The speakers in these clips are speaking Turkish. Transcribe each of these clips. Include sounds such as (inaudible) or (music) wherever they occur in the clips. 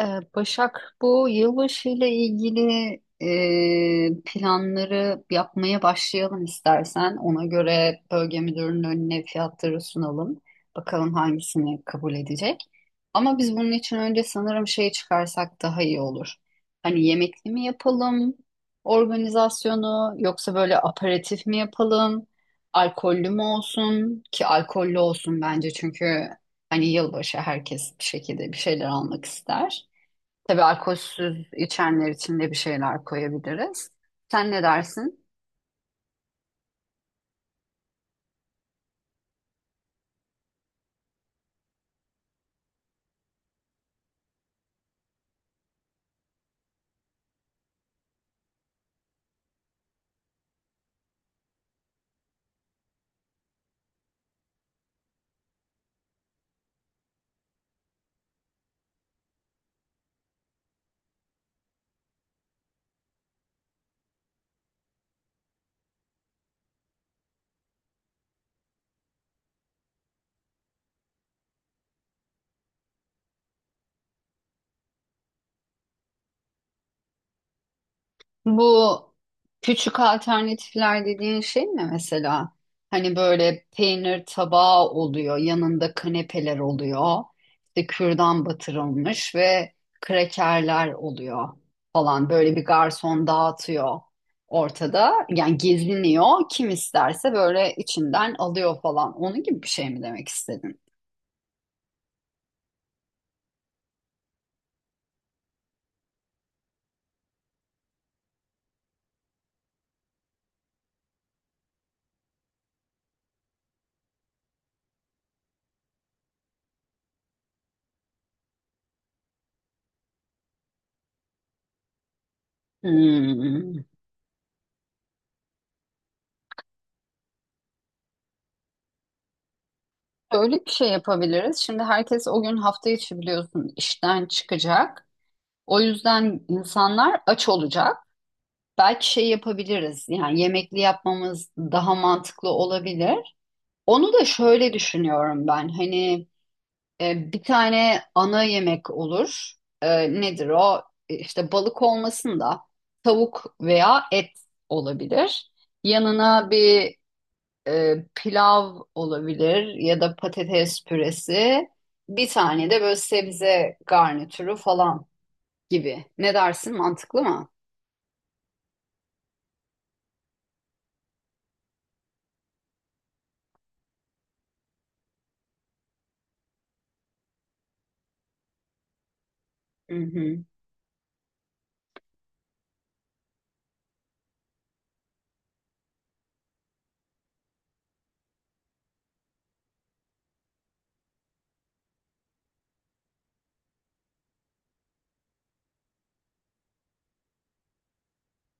Ee, Başak, bu yılbaşı ile ilgili planları yapmaya başlayalım istersen. Ona göre bölge müdürünün önüne fiyatları sunalım. Bakalım hangisini kabul edecek. Ama biz bunun için önce sanırım şey çıkarsak daha iyi olur. Hani yemekli mi yapalım organizasyonu yoksa böyle aperatif mi yapalım? Alkollü mü olsun ki alkollü olsun bence çünkü hani yılbaşı herkes bir şekilde bir şeyler almak ister. Tabii alkolsüz içenler için de bir şeyler koyabiliriz. Sen ne dersin? Bu küçük alternatifler dediğin şey mi mesela? Hani böyle peynir tabağı oluyor, yanında kanepeler oluyor, işte kürdan batırılmış ve krekerler oluyor falan. Böyle bir garson dağıtıyor ortada. Yani geziniyor. Kim isterse böyle içinden alıyor falan. Onun gibi bir şey mi demek istedin? Hmm. Öyle bir şey yapabiliriz. Şimdi herkes o gün hafta içi biliyorsun işten çıkacak. O yüzden insanlar aç olacak. Belki şey yapabiliriz. Yani yemekli yapmamız daha mantıklı olabilir. Onu da şöyle düşünüyorum ben. Hani bir tane ana yemek olur. E, nedir o? İşte balık olmasın da tavuk veya et olabilir. Yanına bir pilav olabilir ya da patates püresi. Bir tane de böyle sebze garnitürü falan gibi. Ne dersin? Mantıklı mı? Hı hı.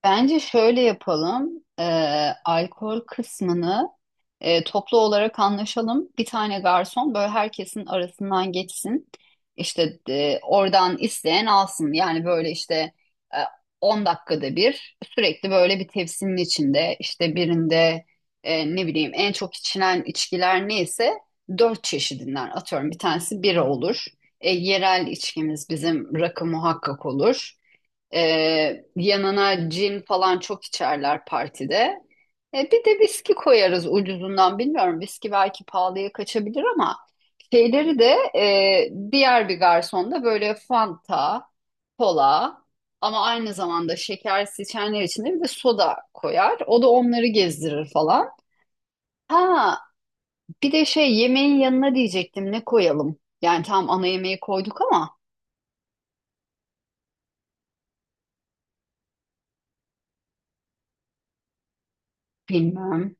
Bence şöyle yapalım. Alkol kısmını toplu olarak anlaşalım. Bir tane garson böyle herkesin arasından geçsin. İşte oradan isteyen alsın. Yani böyle işte e, 10 dakikada bir sürekli böyle bir tepsinin içinde işte birinde ne bileyim en çok içilen içkiler neyse dört çeşidinden atıyorum. Bir tanesi bira olur. E, yerel içkimiz bizim rakı muhakkak olur. Yanına cin falan çok içerler partide. Bir de viski koyarız ucuzundan bilmiyorum. Viski belki pahalıya kaçabilir ama şeyleri de diğer bir garsonda böyle Fanta, kola ama aynı zamanda şekersiz içenler için de bir de soda koyar. O da onları gezdirir falan. Ha, bir de şey yemeğin yanına diyecektim ne koyalım? Yani tam ana yemeği koyduk ama bilmem.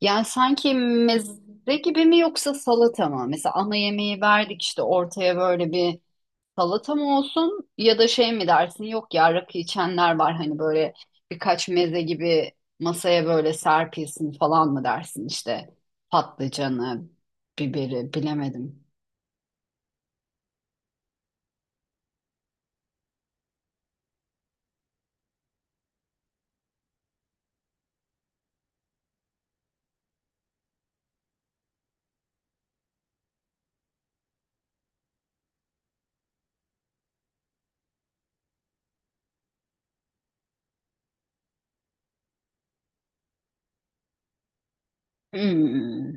Yani sanki meze gibi mi yoksa salata mı? Mesela ana yemeği verdik işte ortaya böyle bir salata mı olsun ya da şey mi dersin? Yok ya rakı içenler var hani böyle birkaç meze gibi masaya böyle serpilsin falan mı dersin işte patlıcanı, biberi bilemedim. Hmm.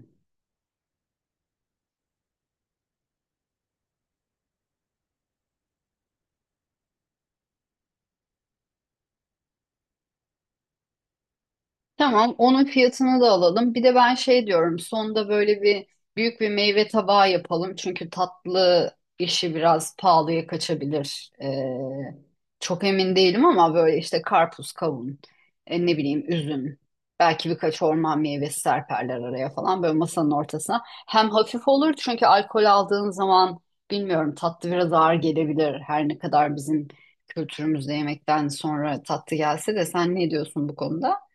Tamam, onun fiyatını da alalım. Bir de ben şey diyorum, sonda böyle bir büyük bir meyve tabağı yapalım. Çünkü tatlı işi biraz pahalıya kaçabilir. Çok emin değilim ama böyle işte karpuz, kavun, ne bileyim üzüm. Belki birkaç orman meyvesi serperler araya falan böyle masanın ortasına. Hem hafif olur çünkü alkol aldığın zaman bilmiyorum tatlı biraz ağır gelebilir. Her ne kadar bizim kültürümüzde yemekten sonra tatlı gelse de sen ne diyorsun bu konuda?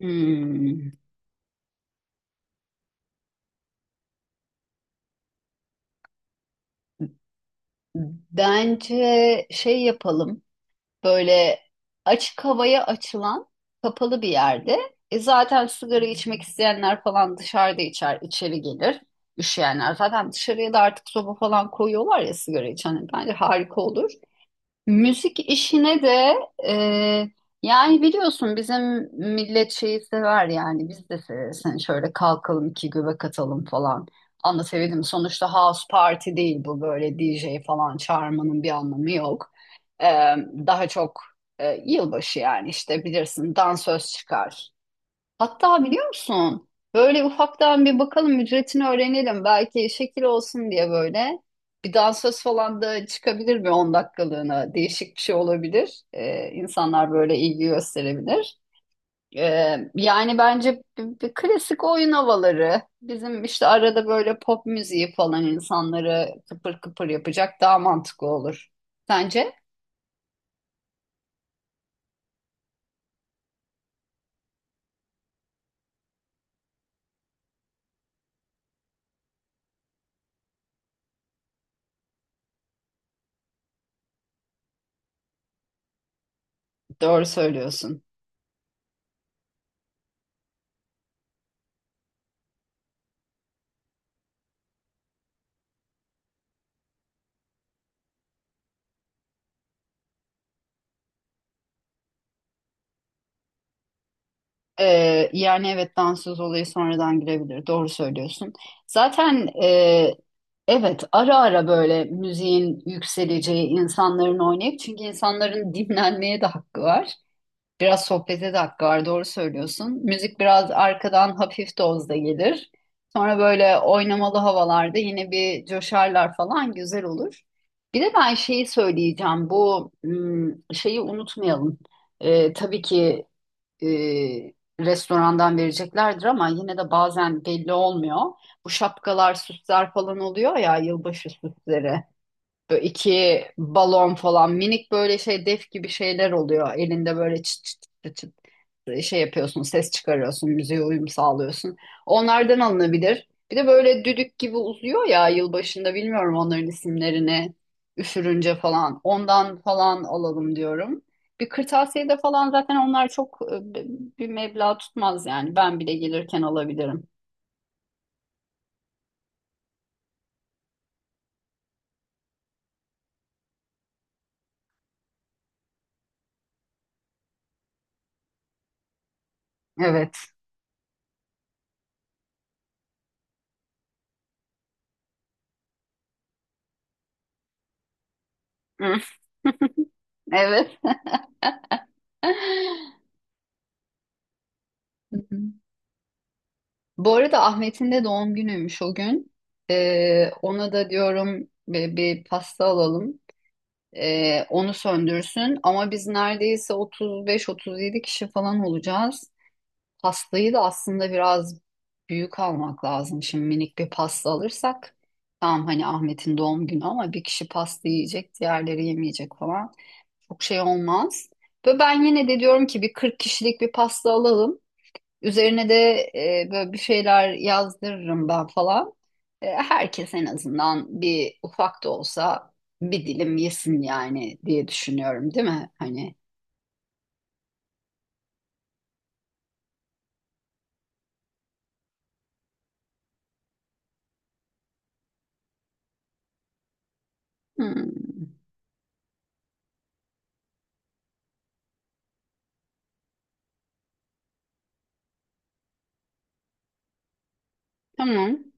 Hmm. Bence şey yapalım. Böyle açık havaya açılan kapalı bir yerde. E zaten sigara içmek isteyenler falan dışarıda içer, içeri gelir. Üşüyenler zaten dışarıya da artık soba falan koyuyorlar ya sigara içen. Bence harika olur. Müzik işine de e, yani biliyorsun bizim millet şeyi sever yani biz de severiz. Hani şöyle kalkalım iki göbek atalım falan. Anlatabildim mi? Sonuçta house party değil bu böyle DJ falan çağırmanın bir anlamı yok. E, daha çok yılbaşı yani işte bilirsin dansöz çıkar. Hatta biliyor musun? Böyle ufaktan bir bakalım ücretini öğrenelim. Belki şekil olsun diye böyle. Bir dansöz falan da çıkabilir bir 10 dakikalığına. Değişik bir şey olabilir. İnsanlar böyle ilgi gösterebilir. Yani bence bir klasik oyun havaları. Bizim işte arada böyle pop müziği falan insanları kıpır kıpır yapacak daha mantıklı olur. Sence? Doğru söylüyorsun. Yani evet dansöz olayı sonradan girebilir. Doğru söylüyorsun. Zaten evet ara ara böyle müziğin yükseleceği insanların oynayıp çünkü insanların (laughs) dinlenmeye de hakkı var. Biraz sohbete de hakkı var. Doğru söylüyorsun. Müzik biraz arkadan hafif dozda gelir. Sonra böyle oynamalı havalarda yine bir coşarlar falan güzel olur. Bir de ben şeyi söyleyeceğim. Şeyi unutmayalım. Tabii ki e, restorandan vereceklerdir ama yine de bazen belli olmuyor. Bu şapkalar, süsler falan oluyor ya yılbaşı süsleri. Böyle iki balon falan minik böyle şey def gibi şeyler oluyor. Elinde böyle çıt çıt çıt çıt şey yapıyorsun, ses çıkarıyorsun, müziğe uyum sağlıyorsun. Onlardan alınabilir. Bir de böyle düdük gibi uzuyor ya yılbaşında bilmiyorum onların isimlerini üfürünce falan. Ondan falan alalım diyorum. Bir kırtasiyede falan zaten onlar çok bir meblağ tutmaz yani. Ben bile gelirken alabilirim. Evet. Hı, evet. (laughs) Hı hı. Bu arada Ahmet'in de doğum günüymüş o gün. Ona da diyorum bir pasta alalım. Onu söndürsün. Ama biz neredeyse 35-37 kişi falan olacağız. Pastayı da aslında biraz büyük almak lazım. Şimdi minik bir pasta alırsak tamam hani Ahmet'in doğum günü ama bir kişi pasta yiyecek, diğerleri yemeyecek falan. Çok şey olmaz. Ve ben yine de diyorum ki bir 40 kişilik bir pasta alalım. Üzerine de böyle bir şeyler yazdırırım ben falan. Herkes en azından bir ufak da olsa bir dilim yesin yani diye düşünüyorum, değil mi? Hmm, tamam.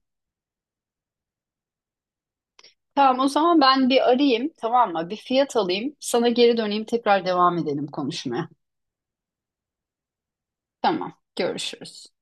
Tamam o zaman ben bir arayayım tamam mı? Bir fiyat alayım. Sana geri döneyim tekrar devam edelim konuşmaya. Tamam görüşürüz.